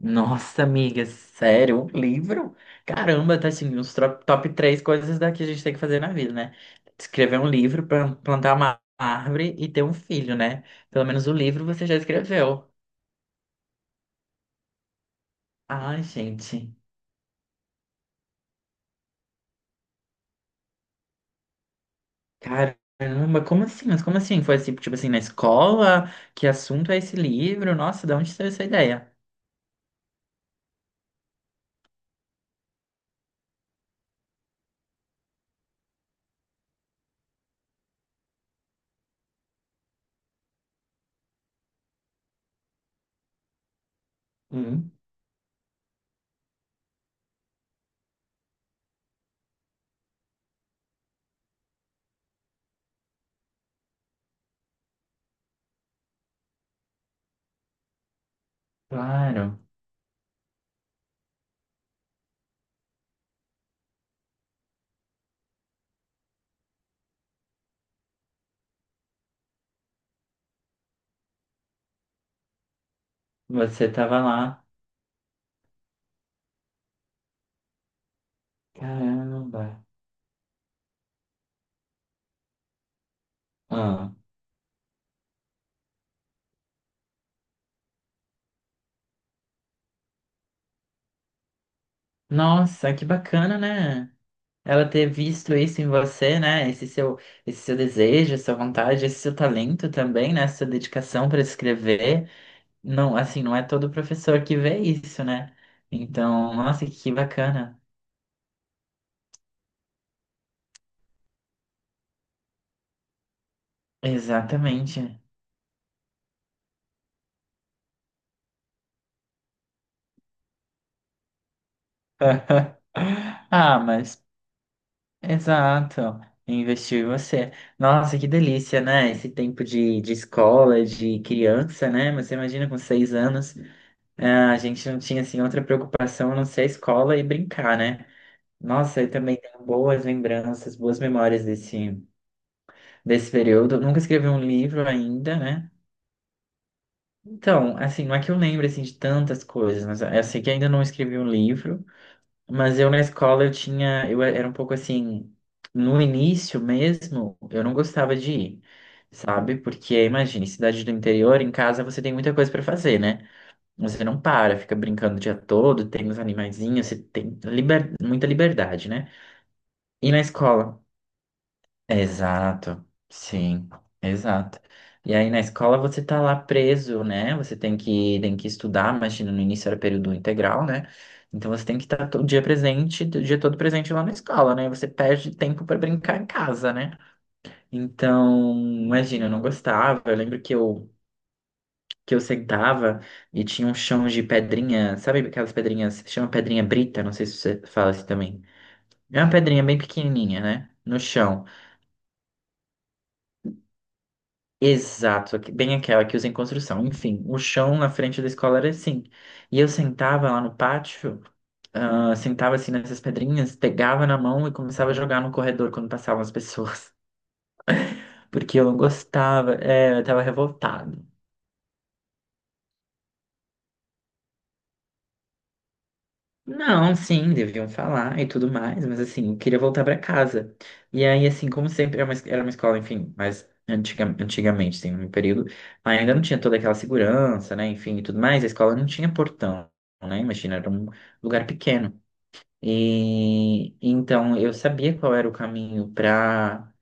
Nossa, amiga, sério? Um livro? Caramba, tá assim, uns top três coisas daqui a gente tem que fazer na vida, né? Escrever um livro, plantar uma árvore e ter um filho, né? Pelo menos o livro você já escreveu. Ai, gente. Caramba, como assim? Mas como assim? Foi assim, tipo assim, na escola? Que assunto é esse livro? Nossa, de onde saiu essa ideia? Hum, claro. Você tava lá. Caramba. Ah. Nossa, que bacana, né? Ela ter visto isso em você, né? Esse seu desejo, essa vontade, esse seu talento também, né? Essa dedicação para escrever. Não, assim, não é todo professor que vê isso, né? Então, nossa, que bacana. Exatamente. Ah, mas exato. Investir em você. Nossa, que delícia, né? Esse tempo de escola, de criança, né? Mas você imagina com 6 anos, ah, a gente não tinha assim outra preocupação a não ser a escola e brincar, né? Nossa, eu também tenho boas lembranças, boas memórias desse período. Eu nunca escrevi um livro ainda, né? Então, assim, não é que eu lembro assim, de tantas coisas, mas eu sei que ainda não escrevi um livro, mas eu na escola eu tinha, eu era um pouco assim, no início mesmo, eu não gostava de ir, sabe? Porque, imagine, cidade do interior, em casa você tem muita coisa para fazer, né? Você não para, fica brincando o dia todo, tem os animaizinhos, você tem muita liberdade, né? E na escola? Exato, sim, exato. E aí na escola você tá lá preso, né? Você tem que estudar, imagina, no início era período integral, né? Então você tem que estar todo dia presente, o dia todo presente lá na escola, né? Você perde tempo para brincar em casa, né? Então, imagina, eu não gostava. Eu lembro que eu sentava e tinha um chão de pedrinha, sabe aquelas pedrinhas, chama pedrinha brita, não sei se você fala assim também. É uma pedrinha bem pequenininha, né? No chão. Exato, bem aquela que usa em construção. Enfim, o chão na frente da escola era assim. E eu sentava lá no pátio, ah, sentava assim nessas pedrinhas, pegava na mão e começava a jogar no corredor quando passavam as pessoas. Porque eu não gostava, é, eu tava revoltado. Não, sim, deviam falar e tudo mais, mas assim, eu queria voltar pra casa. E aí, assim, como sempre, era uma escola, enfim, mas antiga, antigamente, tem um período, ainda não tinha toda aquela segurança, né, enfim, e tudo mais, a escola não tinha portão, né, imagina, era um lugar pequeno. E então eu sabia qual era o caminho pra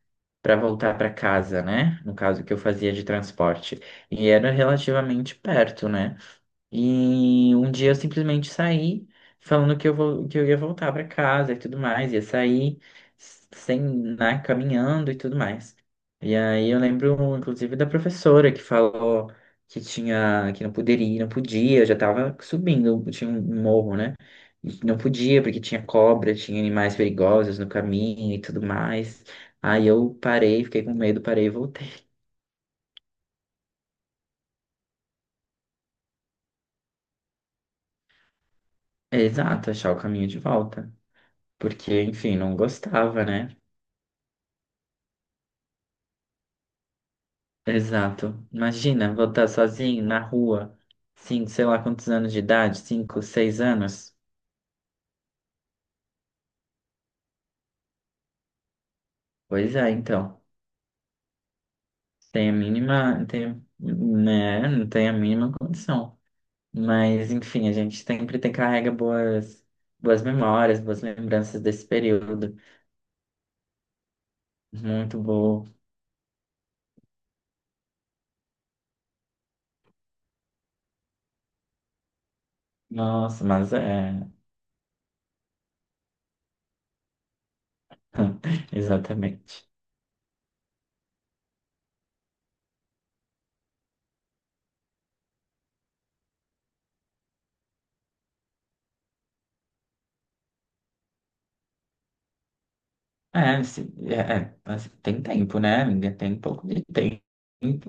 para voltar pra casa, né, no caso que eu fazia de transporte. E era relativamente perto, né. E um dia eu simplesmente saí falando que eu vou, que eu ia voltar para casa e tudo mais, ia sair sem, né, caminhando e tudo mais. E aí eu lembro, inclusive, da professora que falou que tinha, que não poderia, não podia, eu já tava subindo, tinha um morro, né? E que não podia porque tinha cobra, tinha animais perigosos no caminho e tudo mais. Aí eu parei, fiquei com medo, parei e voltei. É, exato, achar o caminho de volta. Porque, enfim, não gostava, né? Exato. Imagina voltar sozinho na rua, 5, sei lá quantos anos de idade, 5, 6 anos. Pois é, então. Tem a mínima, tem, né, não tem a mínima condição. Mas, enfim, a gente sempre tem carrega boas, boas memórias, boas lembranças desse período. Muito bom. Nossa, mas é. Exatamente. É, é, mas tem tempo, né, amiga? Tem um pouco de tempo,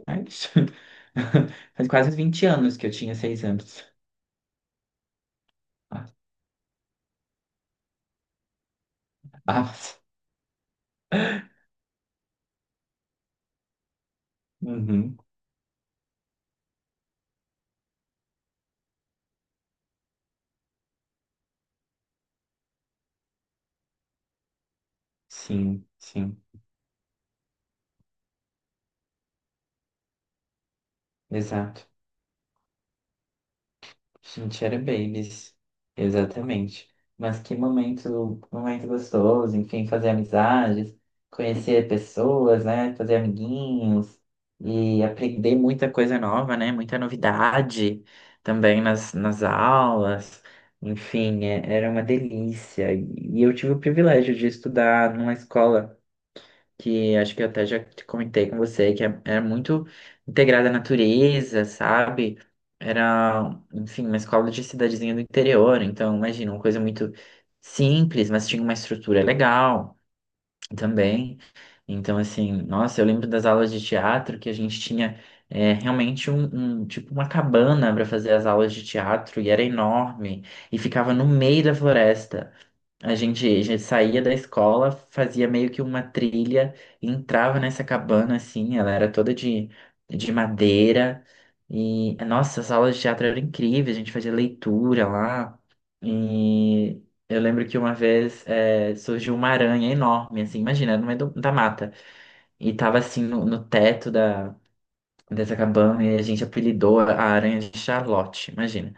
mas faz quase 20 anos que eu tinha 6 anos. Ah, ah, uhum, sim, sim, exato. Chinchera Babies, exatamente. Mas que momento, momento gostoso, enfim, fazer amizades, conhecer pessoas, né? Fazer amiguinhos e aprender muita coisa nova, né? Muita novidade também nas aulas. Enfim, era uma delícia. E eu tive o privilégio de estudar numa escola que acho que eu até já te comentei com você, que era muito integrada à natureza, sabe? Era, enfim, uma escola de cidadezinha do interior, então imagina, uma coisa muito simples, mas tinha uma estrutura legal também. Então, assim, nossa, eu lembro das aulas de teatro que a gente tinha é, realmente um, tipo uma cabana para fazer as aulas de teatro e era enorme e ficava no meio da floresta. A gente saía da escola, fazia meio que uma trilha, e entrava nessa cabana assim, ela era toda de madeira. E, nossa, as aulas de teatro eram incríveis, a gente fazia leitura lá. E eu lembro que uma vez surgiu uma aranha enorme, assim, imagina, no meio da mata. E tava assim no teto dessa cabana, e a gente apelidou a aranha de Charlotte, imagina.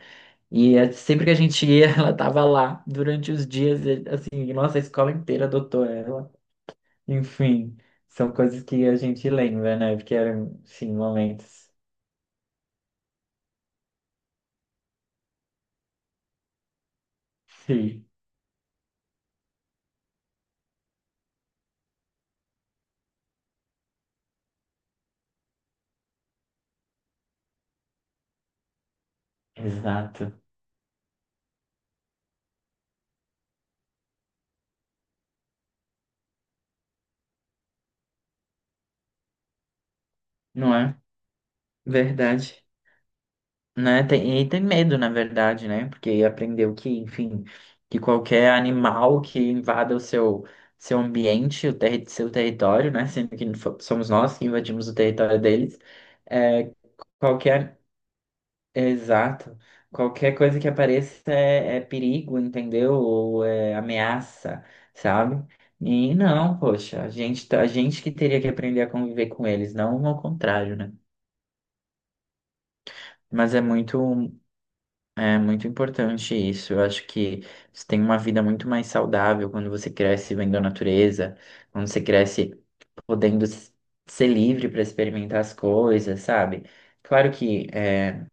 E sempre que a gente ia, ela tava lá durante os dias, e, assim, nossa, a escola inteira adotou ela. Enfim, são coisas que a gente lembra, né? Porque eram, sim, momentos. Sim, exato. Não é? Verdade. Né? Tem, e tem medo, na verdade, né? Porque aprendeu que, enfim, que qualquer animal que invada o seu ambiente, o terri seu território, né? Sendo que somos nós que invadimos o território deles, é, qualquer. Exato. Qualquer coisa que apareça é perigo, entendeu? Ou é ameaça, sabe? E não, poxa, a gente que teria que aprender a conviver com eles, não ao contrário, né? Mas é muito importante isso. Eu acho que você tem uma vida muito mais saudável quando você cresce vendo a natureza, quando você cresce podendo ser livre para experimentar as coisas, sabe? Claro que é,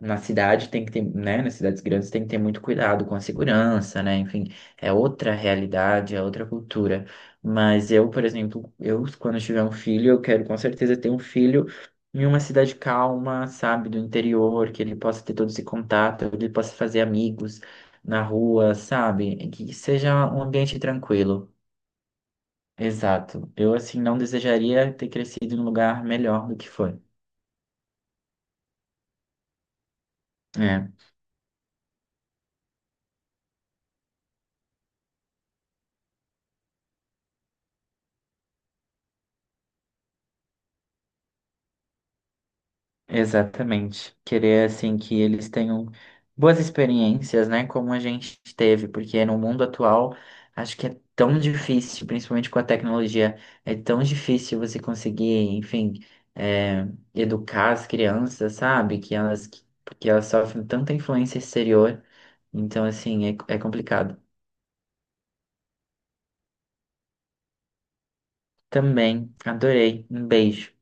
na cidade tem que ter, né, nas cidades grandes tem que ter muito cuidado com a segurança, né? Enfim, é outra realidade, é outra cultura. Mas eu, por exemplo, eu quando tiver um filho, eu quero com certeza ter um filho em uma cidade calma, sabe, do interior, que ele possa ter todo esse contato, ele possa fazer amigos na rua, sabe? Que seja um ambiente tranquilo. Exato. Eu, assim, não desejaria ter crescido em um lugar melhor do que foi. É. Exatamente. Querer assim que eles tenham boas experiências, né, como a gente teve, porque no mundo atual acho que é tão difícil, principalmente com a tecnologia, é tão difícil você conseguir, enfim, é, educar as crianças, sabe? Que elas, porque elas sofrem tanta influência exterior, então assim é complicado. Também adorei. Um beijo.